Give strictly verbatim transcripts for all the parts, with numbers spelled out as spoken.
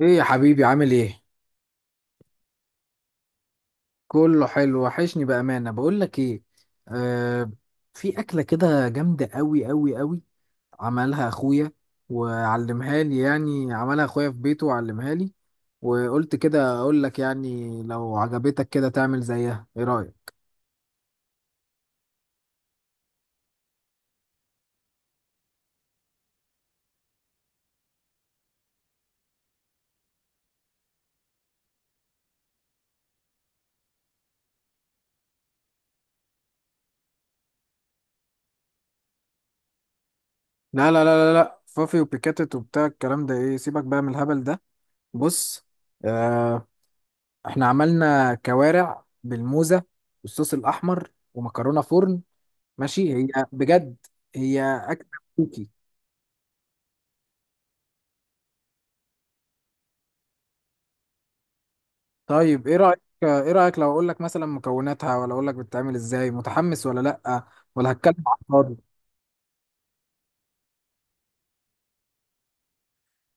ايه يا حبيبي؟ عامل ايه؟ كله حلو، وحشني بامانه. بقول لك ايه، آه، في اكله كده جامده قوي قوي قوي، عملها اخويا وعلمها لي. يعني عملها اخويا في بيته وعلمها لي، وقلت كده اقول لك، يعني لو عجبتك كده تعمل زيها. ايه رايك؟ لا لا لا لا لا، فافي وبيكاتت وبتاع الكلام ده ايه؟ سيبك بقى من الهبل ده. بص، آه، احنا عملنا كوارع بالموزه والصوص الاحمر ومكرونه فرن. ماشي هي بجد هي. اكتب كوكي. طيب ايه رايك؟ ايه رايك لو اقول لك مثلا مكوناتها، ولا اقول لك بتتعمل ازاي؟ متحمس ولا لا؟ ولا هتكلم على الفاضي؟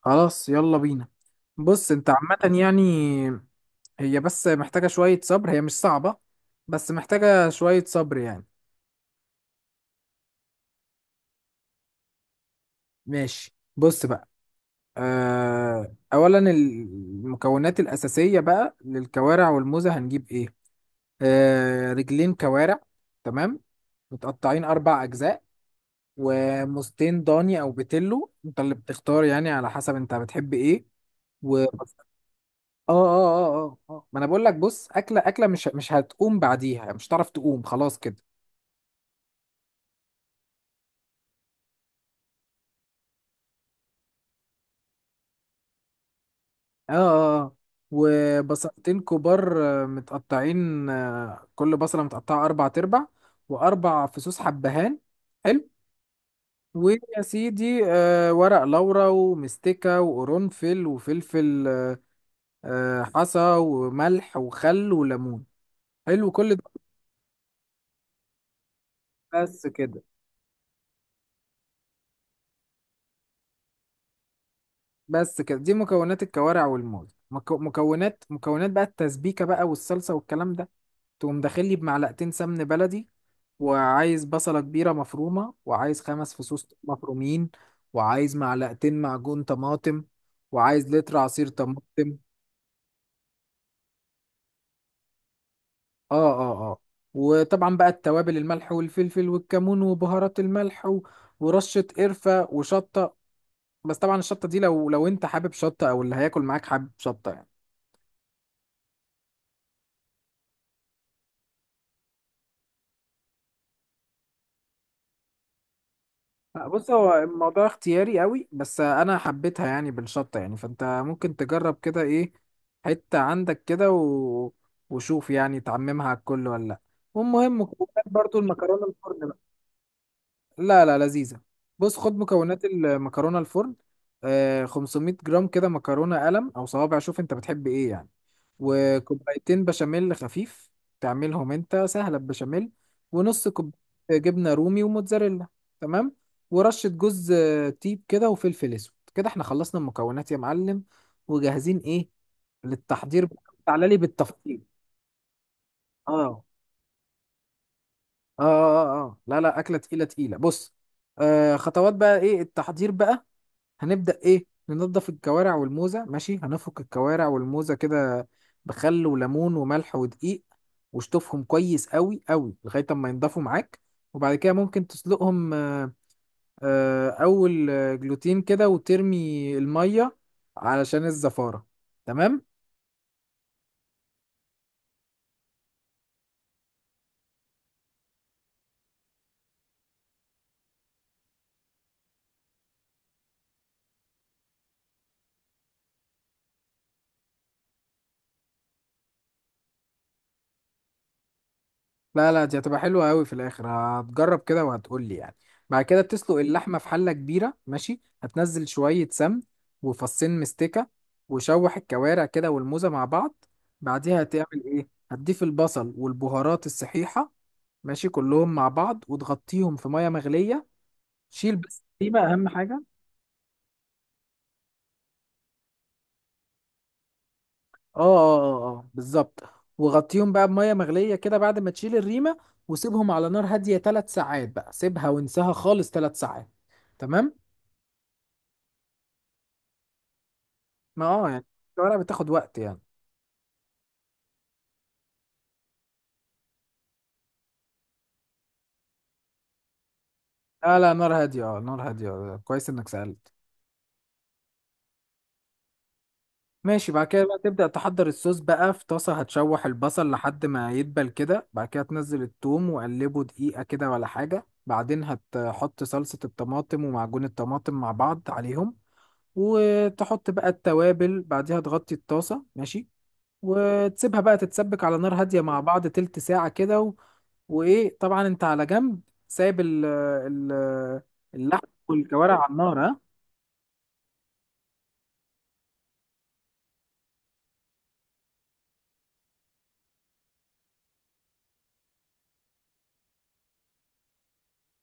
خلاص يلا بينا. بص، انت عامه يعني هي بس محتاجه شويه صبر، هي مش صعبه، بس محتاجه شويه صبر يعني. ماشي بص بقى، آه، اولا المكونات الاساسيه بقى للكوارع والموزه هنجيب ايه. آه، رجلين كوارع، تمام، متقطعين اربع اجزاء، وموزتين ضاني او بتلو، انت اللي بتختار يعني على حسب انت بتحب ايه. و اه اه اه اه اه ما انا بقول لك بص، اكله اكله مش مش هتقوم بعديها، مش هتعرف تقوم خلاص كده. اه اه اه وبصلتين كبار، آه، متقطعين، آه، كل بصله متقطعه اربع تربع، واربع فصوص حبهان. حلو. ويا سيدي، آه، ورق لورا ومستكة وقرنفل وفلفل. آه، حصى وملح وخل وليمون. حلو كل. بس كده. بس كده دي مكونات الكوارع والموز. مكو... مكونات مكونات بقى التسبيكة بقى والصلصة والكلام ده. تقوم داخل لي بمعلقتين سمن بلدي، وعايز بصلة كبيرة مفرومة، وعايز خمس فصوص مفرومين، وعايز معلقتين معجون طماطم، وعايز لتر عصير طماطم. اه اه اه وطبعا بقى التوابل، الملح والفلفل والكمون وبهارات الملح و... ورشة قرفة وشطة. بس طبعا الشطة دي لو لو انت حابب شطة، او اللي هياكل معاك حابب شطة يعني. لا، بص، هو الموضوع اختياري قوي، بس انا حبيتها يعني بالشطه يعني، فانت ممكن تجرب كده ايه، حته عندك كده و... وشوف يعني تعممها على الكل ولا لا. والمهم مكونات برضو المكرونه الفرن بقى. لا لا لذيذه. بص خد مكونات المكرونه الفرن. آه، خمسمية جرام كده مكرونه قلم او صوابع، شوف انت بتحب ايه يعني. وكوبايتين بشاميل خفيف، تعملهم انت سهلة بشاميل. ونص كوب جبنة رومي وموتزاريلا. تمام. ورشة جوز تيب كده وفلفل اسود كده. احنا خلصنا المكونات يا معلم، وجاهزين ايه للتحضير. تعالى لي بالتفصيل. اه اه اه اه آه. لا لا، اكلة تقيلة تقيلة. بص، آه، خطوات بقى، ايه التحضير بقى. هنبدأ إيه، ننضف الكوارع والموزة. ماشي، هنفك الكوارع والموزة كده بخل وليمون وملح ودقيق، واشطفهم كويس قوي قوي لغاية ما ينضفوا معاك. وبعد كده ممكن تسلقهم، آه، آه، أول آه، جلوتين كده وترمي المية، علشان الزفارة. تمام. لا لا، دي هتبقى حلوة قوي في الاخر، هتجرب كده وهتقول لي يعني. بعد كده بتسلق اللحمة في حلة كبيرة، ماشي هتنزل شوية سمن وفصين مستكة، وشوح الكوارع كده والموزة مع بعض. بعديها هتعمل ايه؟ هتضيف البصل والبهارات الصحيحة، ماشي كلهم مع بعض وتغطيهم في مية مغلية. شيل بس دي بقى اهم حاجة. اه اه اه آه، بالظبط. وغطيهم بقى بمية مغلية كده بعد ما تشيل الريمة، وسيبهم على نار هادية ثلاث ساعات. بقى سيبها وانساها خالص، ثلاث ساعات، تمام. ما اه يعني الورقة بتاخد وقت يعني. لا لا، نار هادية، اه نار هادية، آه، كويس انك سألت. ماشي، بعد كده بقى تبدأ تحضر الصوص بقى. في طاسة هتشوح البصل لحد ما يدبل كده، بعد كده تنزل الثوم وقلبه دقيقة كده ولا حاجة، بعدين هتحط صلصة الطماطم ومعجون الطماطم مع بعض عليهم. وتحط بقى التوابل، بعديها تغطي الطاسة، ماشي، وتسيبها بقى تتسبك على نار هادية مع بعض تلت ساعة كده و... وإيه طبعا أنت على جنب، سايب ال... ال... اللحم والكوارع على النار ها.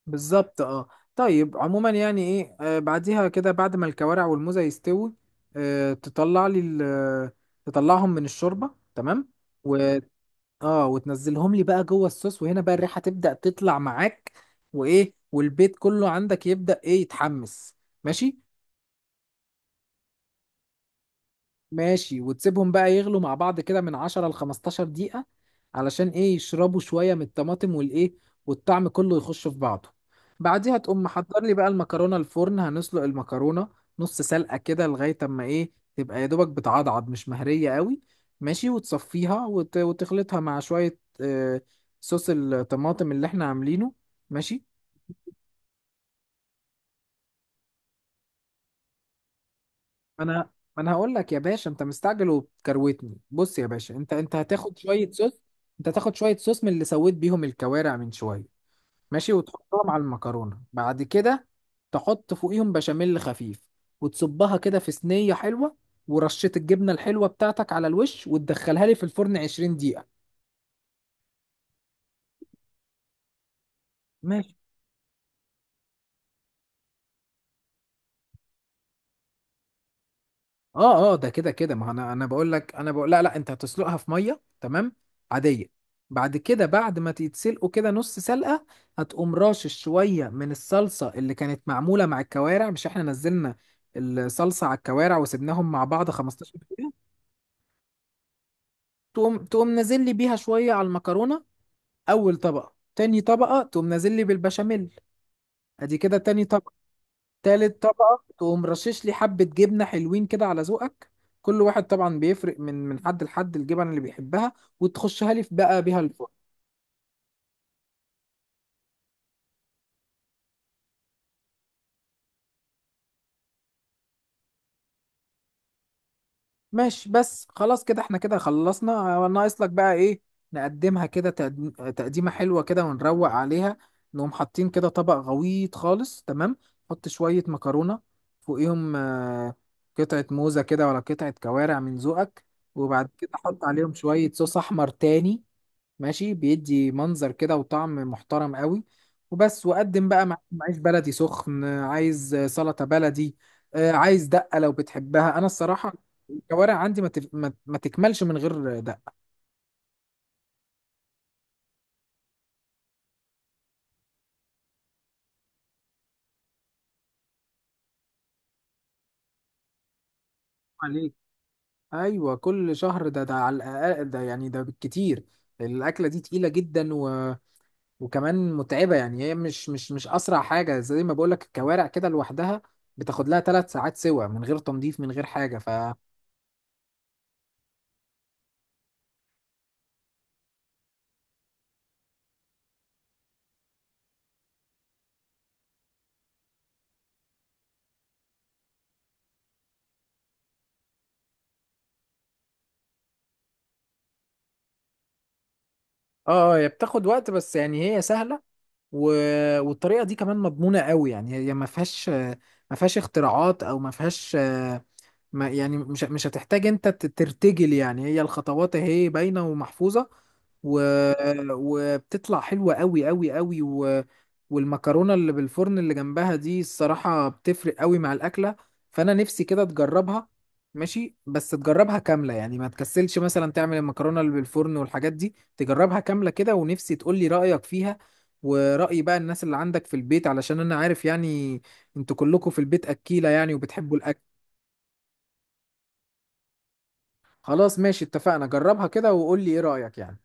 بالظبط اه. طيب عموما يعني ايه، آه، بعديها كده بعد ما الكوارع والموزة يستوي، آه، تطلع لي ال- تطلعهم من الشوربة، تمام، و اه وتنزلهم لي بقى جوه الصوص، وهنا بقى الريحة تبدأ تطلع معاك، وايه، والبيت كله عندك يبدأ ايه، يتحمس. ماشي. ماشي، وتسيبهم بقى يغلوا مع بعض كده من عشرة ل خمستاشر دقيقة، علشان ايه يشربوا شوية من الطماطم والايه، والطعم كله يخش في بعضه. بعديها تقوم محضر لي بقى المكرونة الفرن. هنسلق المكرونة نص سلقة كده لغاية اما ايه، تبقى يا دوبك بتعضعض، مش مهرية قوي. ماشي، وتصفيها وت... وتخلطها مع شوية، آه، صوص الطماطم اللي احنا عاملينه. ماشي. ما انا ما انا هقول لك يا باشا، انت مستعجل وبتكروتني. بص يا باشا، انت انت هتاخد شويه صوص، انت هتاخد شويه صوص من اللي سويت بيهم الكوارع من شويه، ماشي، وتحطهم على المكرونه. بعد كده تحط فوقيهم بشاميل خفيف، وتصبها كده في صينيه حلوه، ورشه الجبنه الحلوه بتاعتك على الوش، وتدخلها لي في الفرن عشرين دقيقه. ماشي، اه اه ده كده كده ما هو، انا انا بقول لك انا بقول، لا لا انت هتسلقها في ميه، تمام، عاديه. بعد كده بعد ما تتسلقوا كده نص سلقه، هتقوم راشش شويه من الصلصه اللي كانت معموله مع الكوارع. مش احنا نزلنا الصلصه على الكوارع وسبناهم مع بعض خمستاشر دقيقه؟ تقوم تقوم نازل لي بيها شويه على المكرونه. اول طبقه، تاني طبقه تقوم نازل لي بالبشاميل، ادي كده تاني. تالت طبقة تقوم رشش لي حبة جبنة حلوين كده على ذوقك. كل واحد طبعا بيفرق من من حد لحد، الجبن اللي بيحبها. وتخشها لي في بقى بيها الفرن. ماشي، بس خلاص كده احنا كده خلصنا، آه، ناقص لك بقى ايه، نقدمها كده تقديم- آه، تقديمة حلوة كده ونروق عليها. نقوم حاطين كده طبق غويط خالص، تمام، حط شوية مكرونة فوقيهم، آه، قطعة موزة كده ولا قطعة كوارع من ذوقك، وبعد كده حط عليهم شوية صوص أحمر تاني. ماشي، بيدي منظر كده وطعم محترم قوي. وبس، وقدم بقى معاك عيش بلدي سخن، عايز سلطة بلدي، آه، عايز دقة لو بتحبها. انا الصراحة الكوارع عندي ما, تف... ما... ما تكملش من غير دقة. عليك، ايوه كل شهر ده، ده على الاقل، ده يعني ده بالكتير، الاكلة دي تقيلة جدا و... وكمان متعبة، يعني هي مش مش مش اسرع حاجة زي ما بقولك. الكوارع كده لوحدها بتاخد لها ثلاث ساعات سوا، من غير تنظيف من غير حاجة، ف اه هي بتاخد وقت، بس يعني هي سهلة. و- والطريقه دي كمان مضمونه قوي، يعني هي ما فيهاش، ما فيهاش اختراعات او ما فيهاش، ما يعني مش مش هتحتاج انت ت- ترتجل. يعني هي الخطوات اهي باينة ومحفوظة و... وبتطلع حلوة قوي قوي قوي و... والمكرونة اللي بالفرن اللي جنبها دي الصراحة بتفرق قوي مع الأكلة، فأنا نفسي كده تجربها. ماشي بس تجربها كاملة، يعني ما تكسلش مثلا تعمل المكرونة اللي بالفرن والحاجات دي، تجربها كاملة كده، ونفسي تقولي رأيك فيها ورأي بقى الناس اللي عندك في البيت، علشان أنا عارف يعني انتوا كلكم في البيت أكيلة يعني وبتحبوا الأكل. خلاص ماشي اتفقنا، جربها كده وقول لي ايه رأيك يعني.